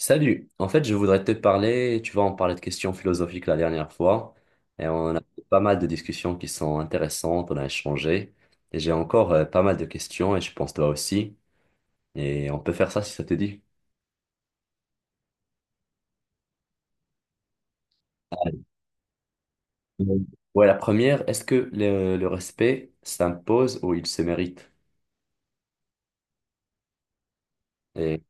Salut, en fait je voudrais te parler, tu vois on parlait de questions philosophiques la dernière fois et on a eu pas mal de discussions qui sont intéressantes, on a échangé et j'ai encore pas mal de questions et je pense toi aussi et on peut faire ça si ça te dit. Mm. Ouais la première, est-ce que le respect s'impose ou il se mérite? Et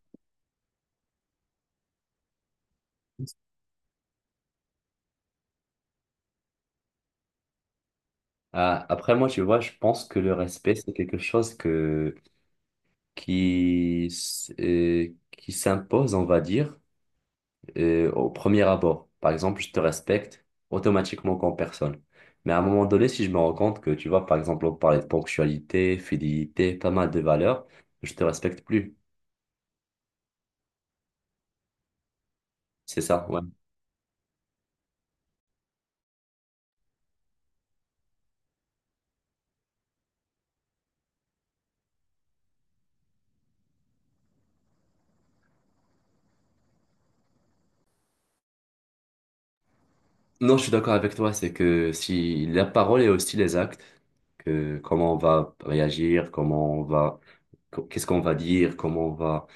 Après moi tu vois je pense que le respect c'est quelque chose que, qui, qui s'impose on va dire au premier abord. Par exemple, je te respecte automatiquement comme personne. Mais à un moment donné, si je me rends compte que, tu vois, par exemple, on parlait de ponctualité, fidélité, pas mal de valeurs, je te respecte plus. C'est ça, ouais. Non, je suis d'accord avec toi, c'est que si la parole et aussi les actes, que comment on va réagir, comment on va, qu'est-ce qu'on va dire, comment on va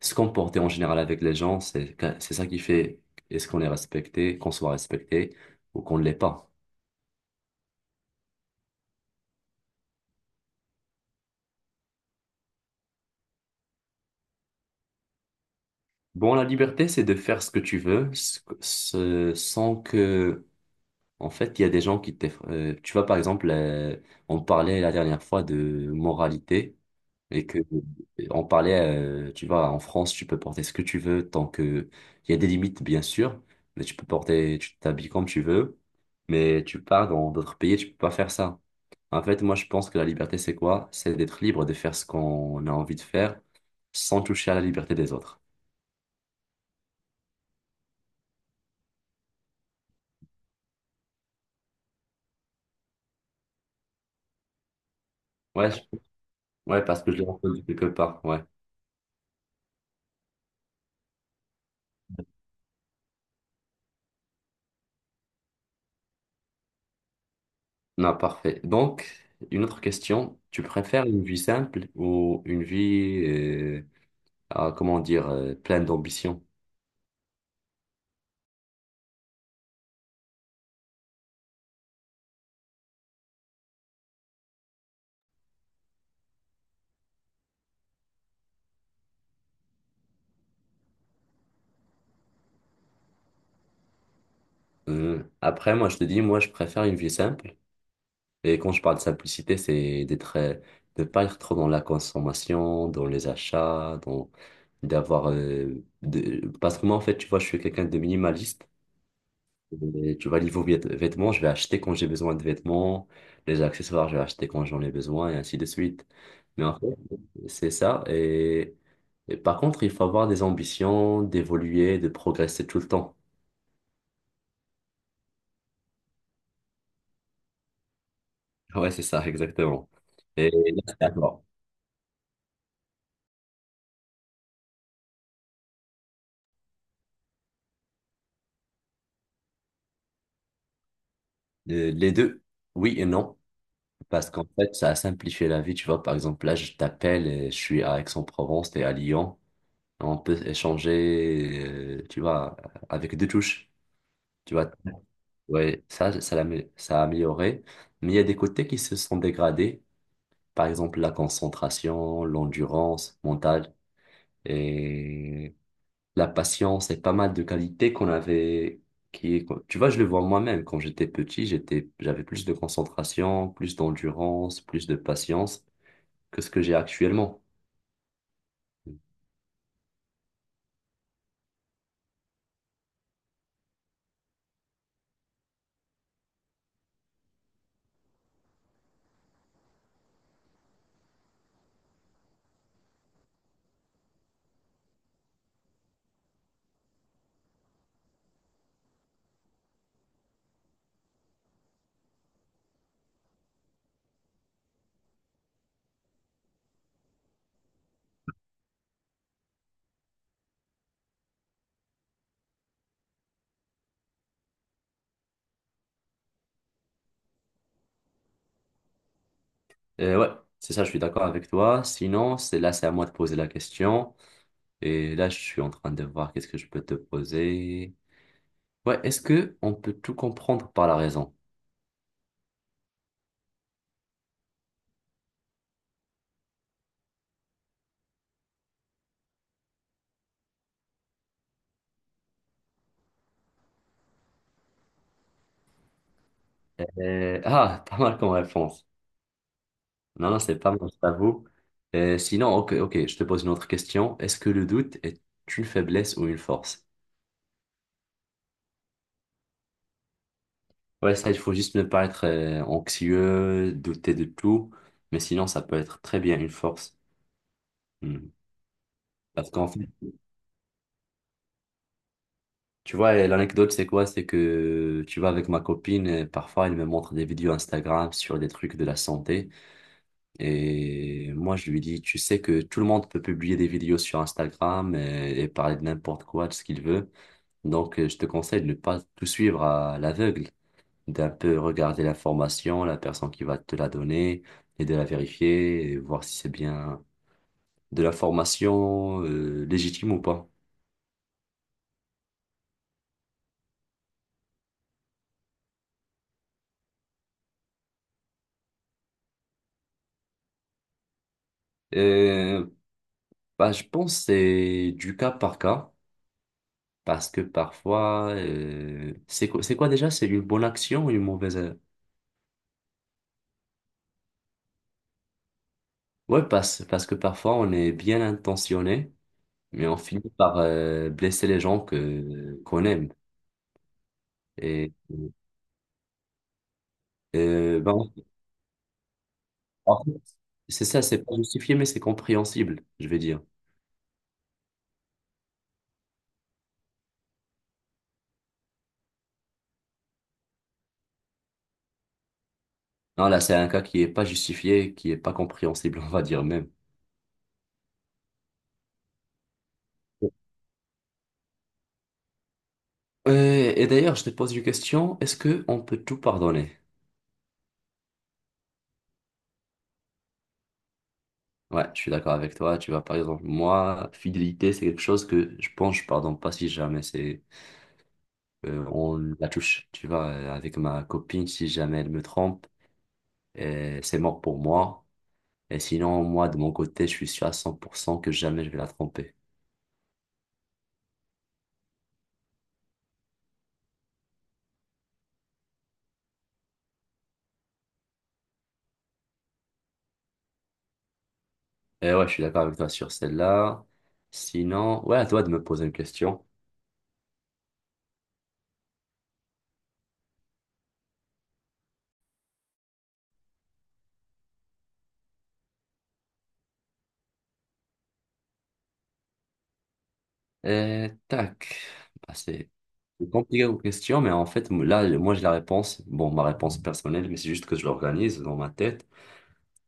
se comporter en général avec les gens, c'est ça qui fait est-ce qu'on est respecté, qu'on soit respecté ou qu'on ne l'est pas. Bon, la liberté, c'est de faire ce que tu veux, ce- ce- sans que, en fait, il y a des gens qui te... tu vois, par exemple, on parlait la dernière fois de moralité et que on parlait, tu vois, en France, tu peux porter ce que tu veux tant que il y a des limites, bien sûr, mais tu peux porter, tu t'habilles comme tu veux, mais tu pars dans d'autres pays, tu peux pas faire ça. En fait, moi, je pense que la liberté, c'est quoi? C'est d'être libre de faire ce qu'on a envie de faire sans toucher à la liberté des autres. Ouais, ouais, parce que je l'ai entendu quelque part. Ouais. Non, parfait. Donc, une autre question. Tu préfères une vie simple ou une vie, comment dire, pleine d'ambition? Après, moi, je te dis, moi, je préfère une vie simple. Et quand je parle de simplicité, c'est d'être, de pas être trop dans la consommation, dans les achats, dans, d'avoir, de- parce que moi, en fait, tu vois, je suis quelqu'un de minimaliste. Et tu vois, niveau vêtements, je vais acheter quand j'ai besoin de vêtements. Les accessoires, je vais acheter quand j'en ai besoin et ainsi de suite. Mais en fait, c'est ça. Et par contre, il faut avoir des ambitions d'évoluer, de progresser tout le temps. Ouais, c'est ça, exactement. Et là, c'est à toi. Les deux, oui et non. Parce qu'en fait, ça a simplifié la vie. Tu vois, par exemple, là, je t'appelle et je suis à Aix-en-Provence, t'es à Lyon. On peut échanger, tu vois, avec deux touches. Tu vois, ouais, ça a amélioré, mais il y a des côtés qui se sont dégradés. Par exemple, la concentration, l'endurance mentale et la patience et pas mal de qualités qu'on avait. Qui, tu vois, je le vois moi-même. Quand j'étais petit, j'étais, j'avais plus de concentration, plus d'endurance, plus de patience que ce que j'ai actuellement. Et ouais, c'est ça, je suis d'accord avec toi. Sinon, c'est là, c'est à moi de poser la question. Et là, je suis en train de voir qu'est-ce que je peux te poser. Ouais, est-ce que on peut tout comprendre par la raison? Pas mal comme réponse. Non, non, c'est pas mal, je t'avoue. Sinon, ok, ok, je te pose une autre question. Est-ce que le doute est une faiblesse ou une force? Ouais, ça, il faut juste ne pas être anxieux, douter de tout, mais sinon, ça peut être très bien une force. Hmm. Parce qu'en fait, tu vois, l'anecdote, c'est quoi? C'est que tu vas avec ma copine, parfois, elle me montre des vidéos Instagram sur des trucs de la santé. Et moi, je lui dis, tu sais que tout le monde peut publier des vidéos sur Instagram et parler de n'importe quoi, de ce qu'il veut. Donc, je te conseille de ne pas tout suivre à l'aveugle, d'un peu regarder l'information, la personne qui va te la donner et de la vérifier et voir si c'est bien de l'information légitime ou pas. Euh, bah, je pense que c'est du cas par cas parce que parfois, c'est quoi déjà? C'est une bonne action ou une mauvaise, euh. Ouais, parce, parce que parfois on est bien intentionné, mais on finit par blesser les gens que qu'on aime. Et euh, ben, en fait, c'est ça, c'est pas justifié, mais c'est compréhensible, je vais dire. Non, là, c'est un cas qui est pas justifié, qui est pas compréhensible, on va dire même. Et d'ailleurs, je te pose une question, est-ce que on peut tout pardonner? Ouais, je suis d'accord avec toi. Tu vois, par exemple, moi, fidélité, c'est quelque chose que je pense, je pardonne pas si jamais c'est on la touche, tu vois, avec ma copine, si jamais elle me trompe, c'est mort pour moi. Et sinon, moi, de mon côté, je suis sûr à 100% que jamais je vais la tromper. Et ouais, je suis d'accord avec toi sur celle-là. Sinon, ouais, à toi de me poser une question. Et tac, bah, c'est compliqué aux questions, mais en fait, là, moi, j'ai la réponse. Bon, ma réponse personnelle, mais c'est juste que je l'organise dans ma tête.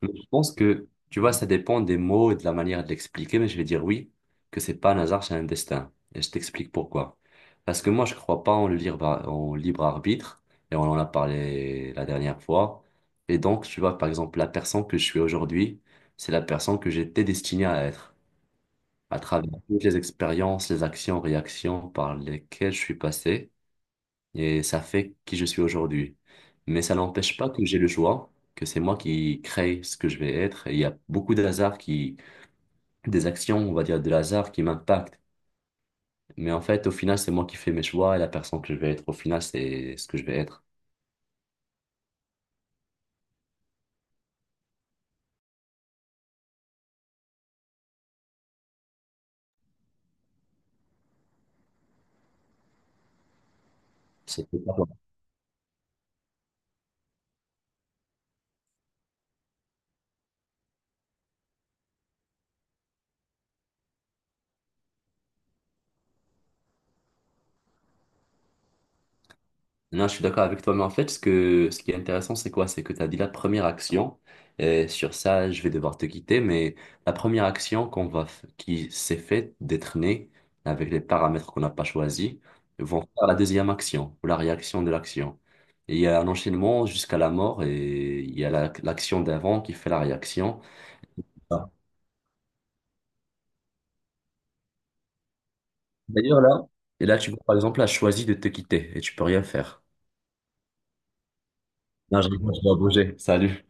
Mais je pense que, tu vois, ça dépend des mots et de la manière de l'expliquer, mais je vais dire oui, que c'est pas un hasard, c'est un destin. Et je t'explique pourquoi. Parce que moi, je crois pas en libre arbitre, et on en a parlé la dernière fois. Et donc, tu vois, par exemple, la personne que je suis aujourd'hui, c'est la personne que j'étais destinée à être, à travers toutes les expériences, les actions, réactions par lesquelles je suis passé et ça fait qui je suis aujourd'hui. Mais ça n'empêche pas que j'ai le choix, que c'est moi qui crée ce que je vais être. Et il y a beaucoup de hasard qui, des actions, on va dire, de hasard qui m'impactent. Mais en fait, au final, c'est moi qui fais mes choix et la personne que je vais être, au final, c'est ce que je vais être. C'est non, je suis d'accord avec toi, mais en fait, ce que, ce qui est intéressant, c'est quoi? C'est que tu as dit la première action, et sur ça, je vais devoir te quitter, mais la première action qu'on va, qui s'est faite d'être née avec les paramètres qu'on n'a pas choisis, vont faire la deuxième action, ou la réaction de l'action. Et il y a un enchaînement jusqu'à la mort, et il y a l'action d'avant qui fait la réaction. Ah. D'ailleurs, là, et là, tu vois, par exemple, a choisi de te quitter, et tu peux rien faire. Non, je rigole, je dois bouger. Salut.